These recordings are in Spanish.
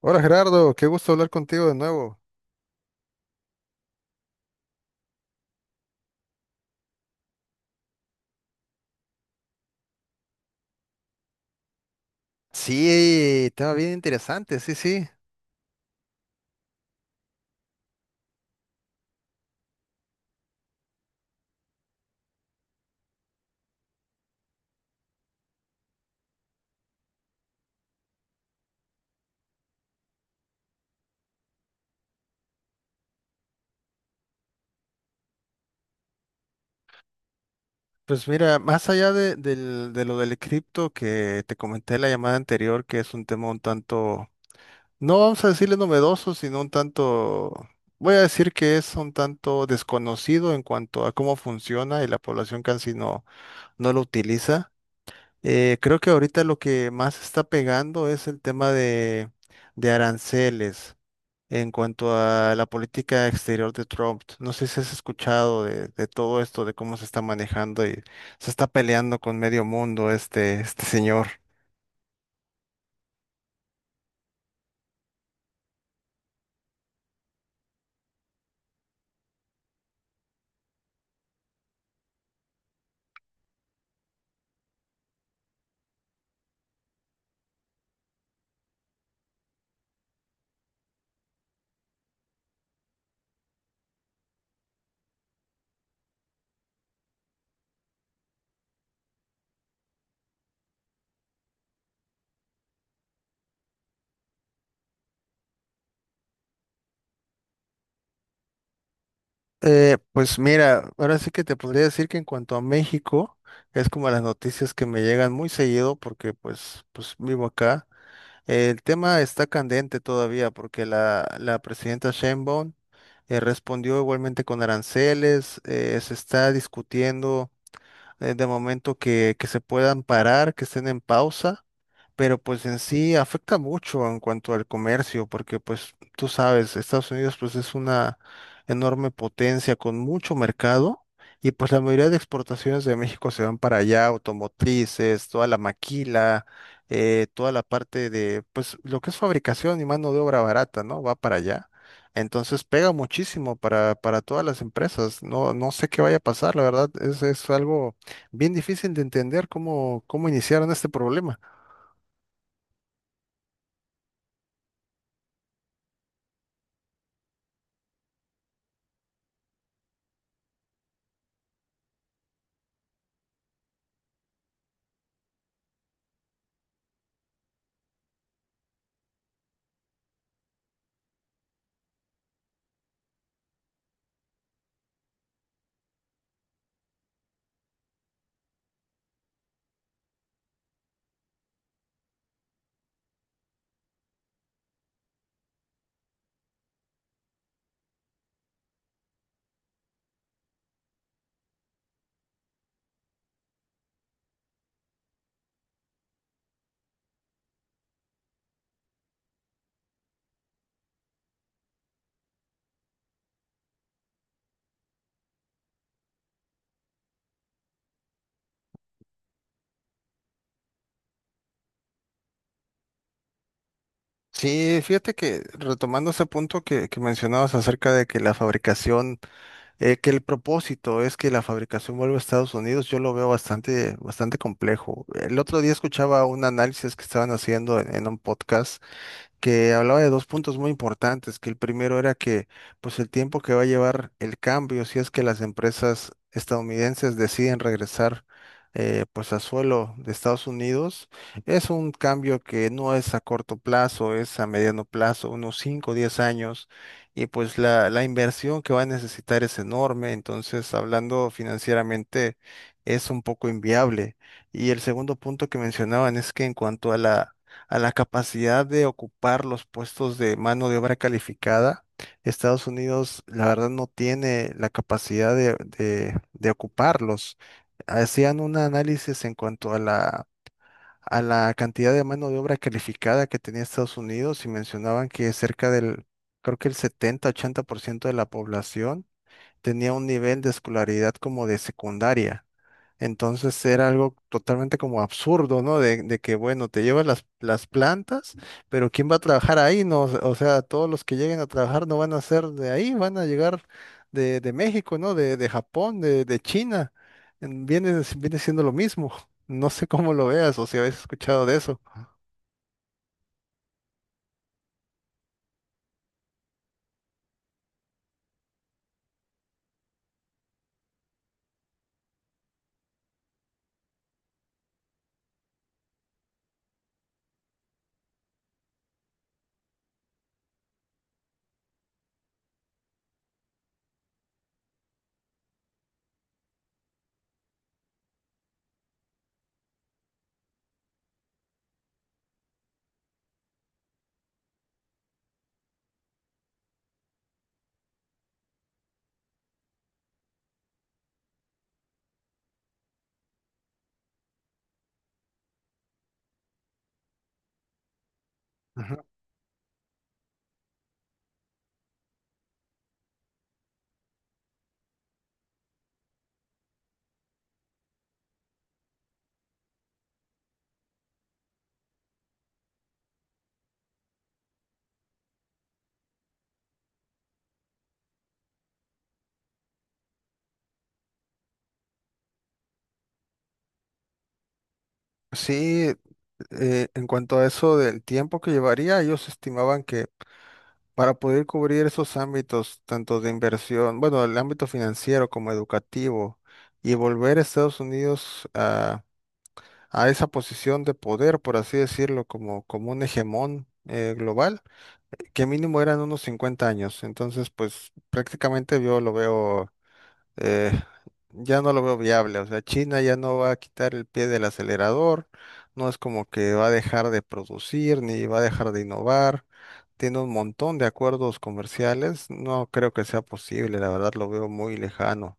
Hola Gerardo, qué gusto hablar contigo de nuevo. Sí, estaba bien interesante, sí, sí. Pues mira, más allá de lo del cripto que te comenté en la llamada anterior, que es un tema un tanto, no vamos a decirle novedoso, sino un tanto, voy a decir que es un tanto desconocido en cuanto a cómo funciona y la población casi no, no lo utiliza. Creo que ahorita lo que más está pegando es el tema de aranceles en cuanto a la política exterior de Trump. No sé si has escuchado de todo esto, de cómo se está manejando y se está peleando con medio mundo este señor. Pues mira, ahora sí que te podría decir que en cuanto a México, es como las noticias que me llegan muy seguido porque pues vivo acá. El tema está candente todavía porque la presidenta Sheinbaum respondió igualmente con aranceles. Se está discutiendo, de momento, que se puedan parar, que estén en pausa, pero pues en sí afecta mucho en cuanto al comercio, porque pues tú sabes, Estados Unidos pues es una enorme potencia con mucho mercado, y pues la mayoría de exportaciones de México se van para allá, automotrices, toda la maquila, toda la parte de pues lo que es fabricación y mano de obra barata, ¿no? Va para allá. Entonces pega muchísimo para todas las empresas. No sé qué vaya a pasar, la verdad, es algo bien difícil de entender cómo iniciaron este problema. Sí, fíjate que retomando ese punto que mencionabas acerca de que la fabricación, que el propósito es que la fabricación vuelva a Estados Unidos, yo lo veo bastante, bastante complejo. El otro día escuchaba un análisis que estaban haciendo en un podcast que hablaba de dos puntos muy importantes, que el primero era que pues el tiempo que va a llevar el cambio, si es que las empresas estadounidenses deciden regresar pues a suelo de Estados Unidos, es un cambio que no es a corto plazo, es a mediano plazo, unos 5 o 10 años, y pues la inversión que va a necesitar es enorme, entonces hablando financieramente es un poco inviable. Y el segundo punto que mencionaban es que en cuanto a la capacidad de ocupar los puestos de mano de obra calificada, Estados Unidos, la verdad, no tiene la capacidad de ocuparlos. Hacían un análisis en cuanto a a la cantidad de mano de obra calificada que tenía Estados Unidos, y mencionaban que cerca del, creo que el 70-80% de la población tenía un nivel de escolaridad como de secundaria. Entonces era algo totalmente como absurdo, ¿no? Bueno, te llevas las plantas, pero ¿quién va a trabajar ahí? No, o sea, todos los que lleguen a trabajar no van a ser de ahí, van a llegar de México, ¿no? De Japón, de China. Viene siendo lo mismo. No sé cómo lo veas o si habéis escuchado de eso. Ujú. Sí, en cuanto a eso del tiempo que llevaría, ellos estimaban que para poder cubrir esos ámbitos, tanto de inversión, bueno, el ámbito financiero como educativo, y volver a Estados Unidos a esa posición de poder, por así decirlo, como un hegemón global, que mínimo eran unos 50 años. Entonces, pues prácticamente yo lo veo, eh, ya no lo veo viable. O sea, China ya no va a quitar el pie del acelerador, no es como que va a dejar de producir ni va a dejar de innovar. Tiene un montón de acuerdos comerciales, no creo que sea posible, la verdad lo veo muy lejano.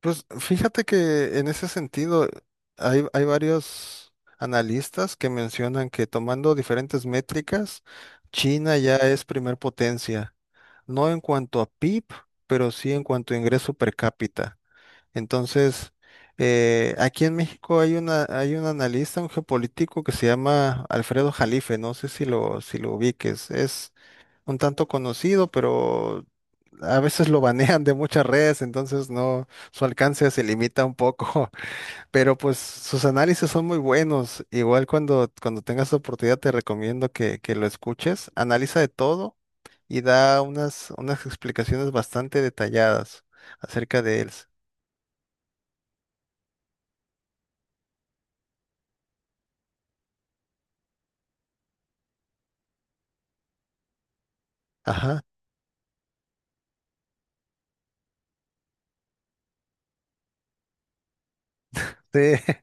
Pues fíjate que en ese sentido hay varios analistas que mencionan que, tomando diferentes métricas, China ya es primer potencia, no en cuanto a PIB, pero sí en cuanto a ingreso per cápita. Entonces, aquí en México hay una, hay un analista, un geopolítico que se llama Alfredo Jalife, no sé si lo ubiques, es un tanto conocido, pero a veces lo banean de muchas redes, entonces no, su alcance se limita un poco, pero pues sus análisis son muy buenos. Igual cuando tengas oportunidad te recomiendo que lo escuches, analiza de todo y da unas, unas explicaciones bastante detalladas acerca de él. Ajá. Sí.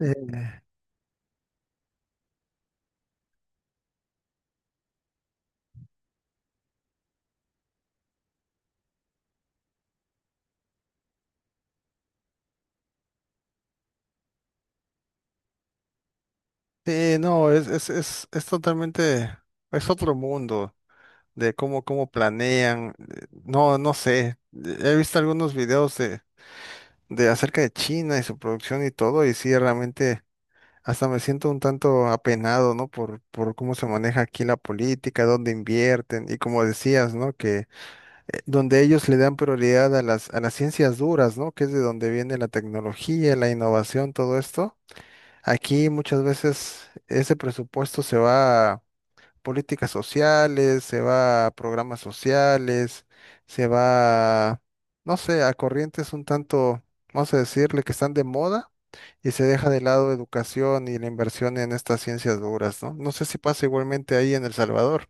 Eh, sí, no, es totalmente, es otro mundo de cómo planean. No, no sé. He visto algunos videos de acerca de China y su producción y todo, y sí, realmente hasta me siento un tanto apenado, ¿no? Por cómo se maneja aquí la política, dónde invierten, y como decías, ¿no? Que donde ellos le dan prioridad a a las ciencias duras, ¿no? Que es de donde viene la tecnología, la innovación, todo esto. Aquí muchas veces ese presupuesto se va a políticas sociales, se va a programas sociales, se va a, no sé, a corrientes un tanto, vamos a decirle, que están de moda, y se deja de lado educación y la inversión en estas ciencias duras, ¿no? No sé si pasa igualmente ahí en El Salvador.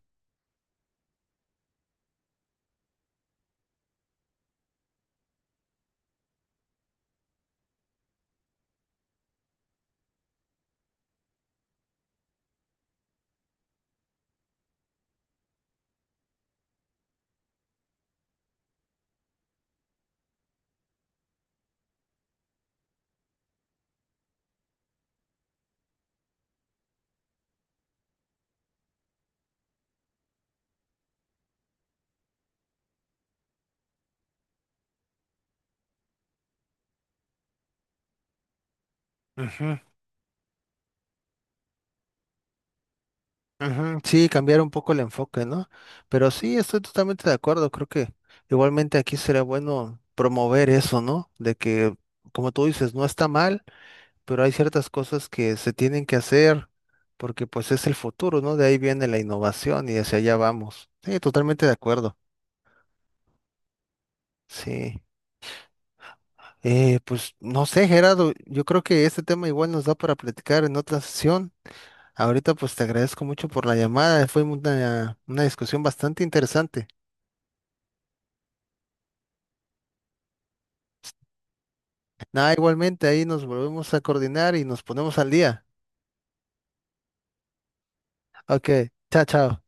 Ujú. Ujú. Sí, cambiar un poco el enfoque, ¿no? Pero sí, estoy totalmente de acuerdo. Creo que igualmente aquí sería bueno promover eso, ¿no? De que, como tú dices, no está mal, pero hay ciertas cosas que se tienen que hacer porque pues es el futuro, ¿no? De ahí viene la innovación y hacia allá vamos. Sí, totalmente de acuerdo. Sí. Pues no sé, Gerardo, yo creo que este tema igual nos da para platicar en otra sesión. Ahorita pues te agradezco mucho por la llamada. Fue una discusión bastante interesante. Nada, igualmente ahí nos volvemos a coordinar y nos ponemos al día. Ok, chao, chao.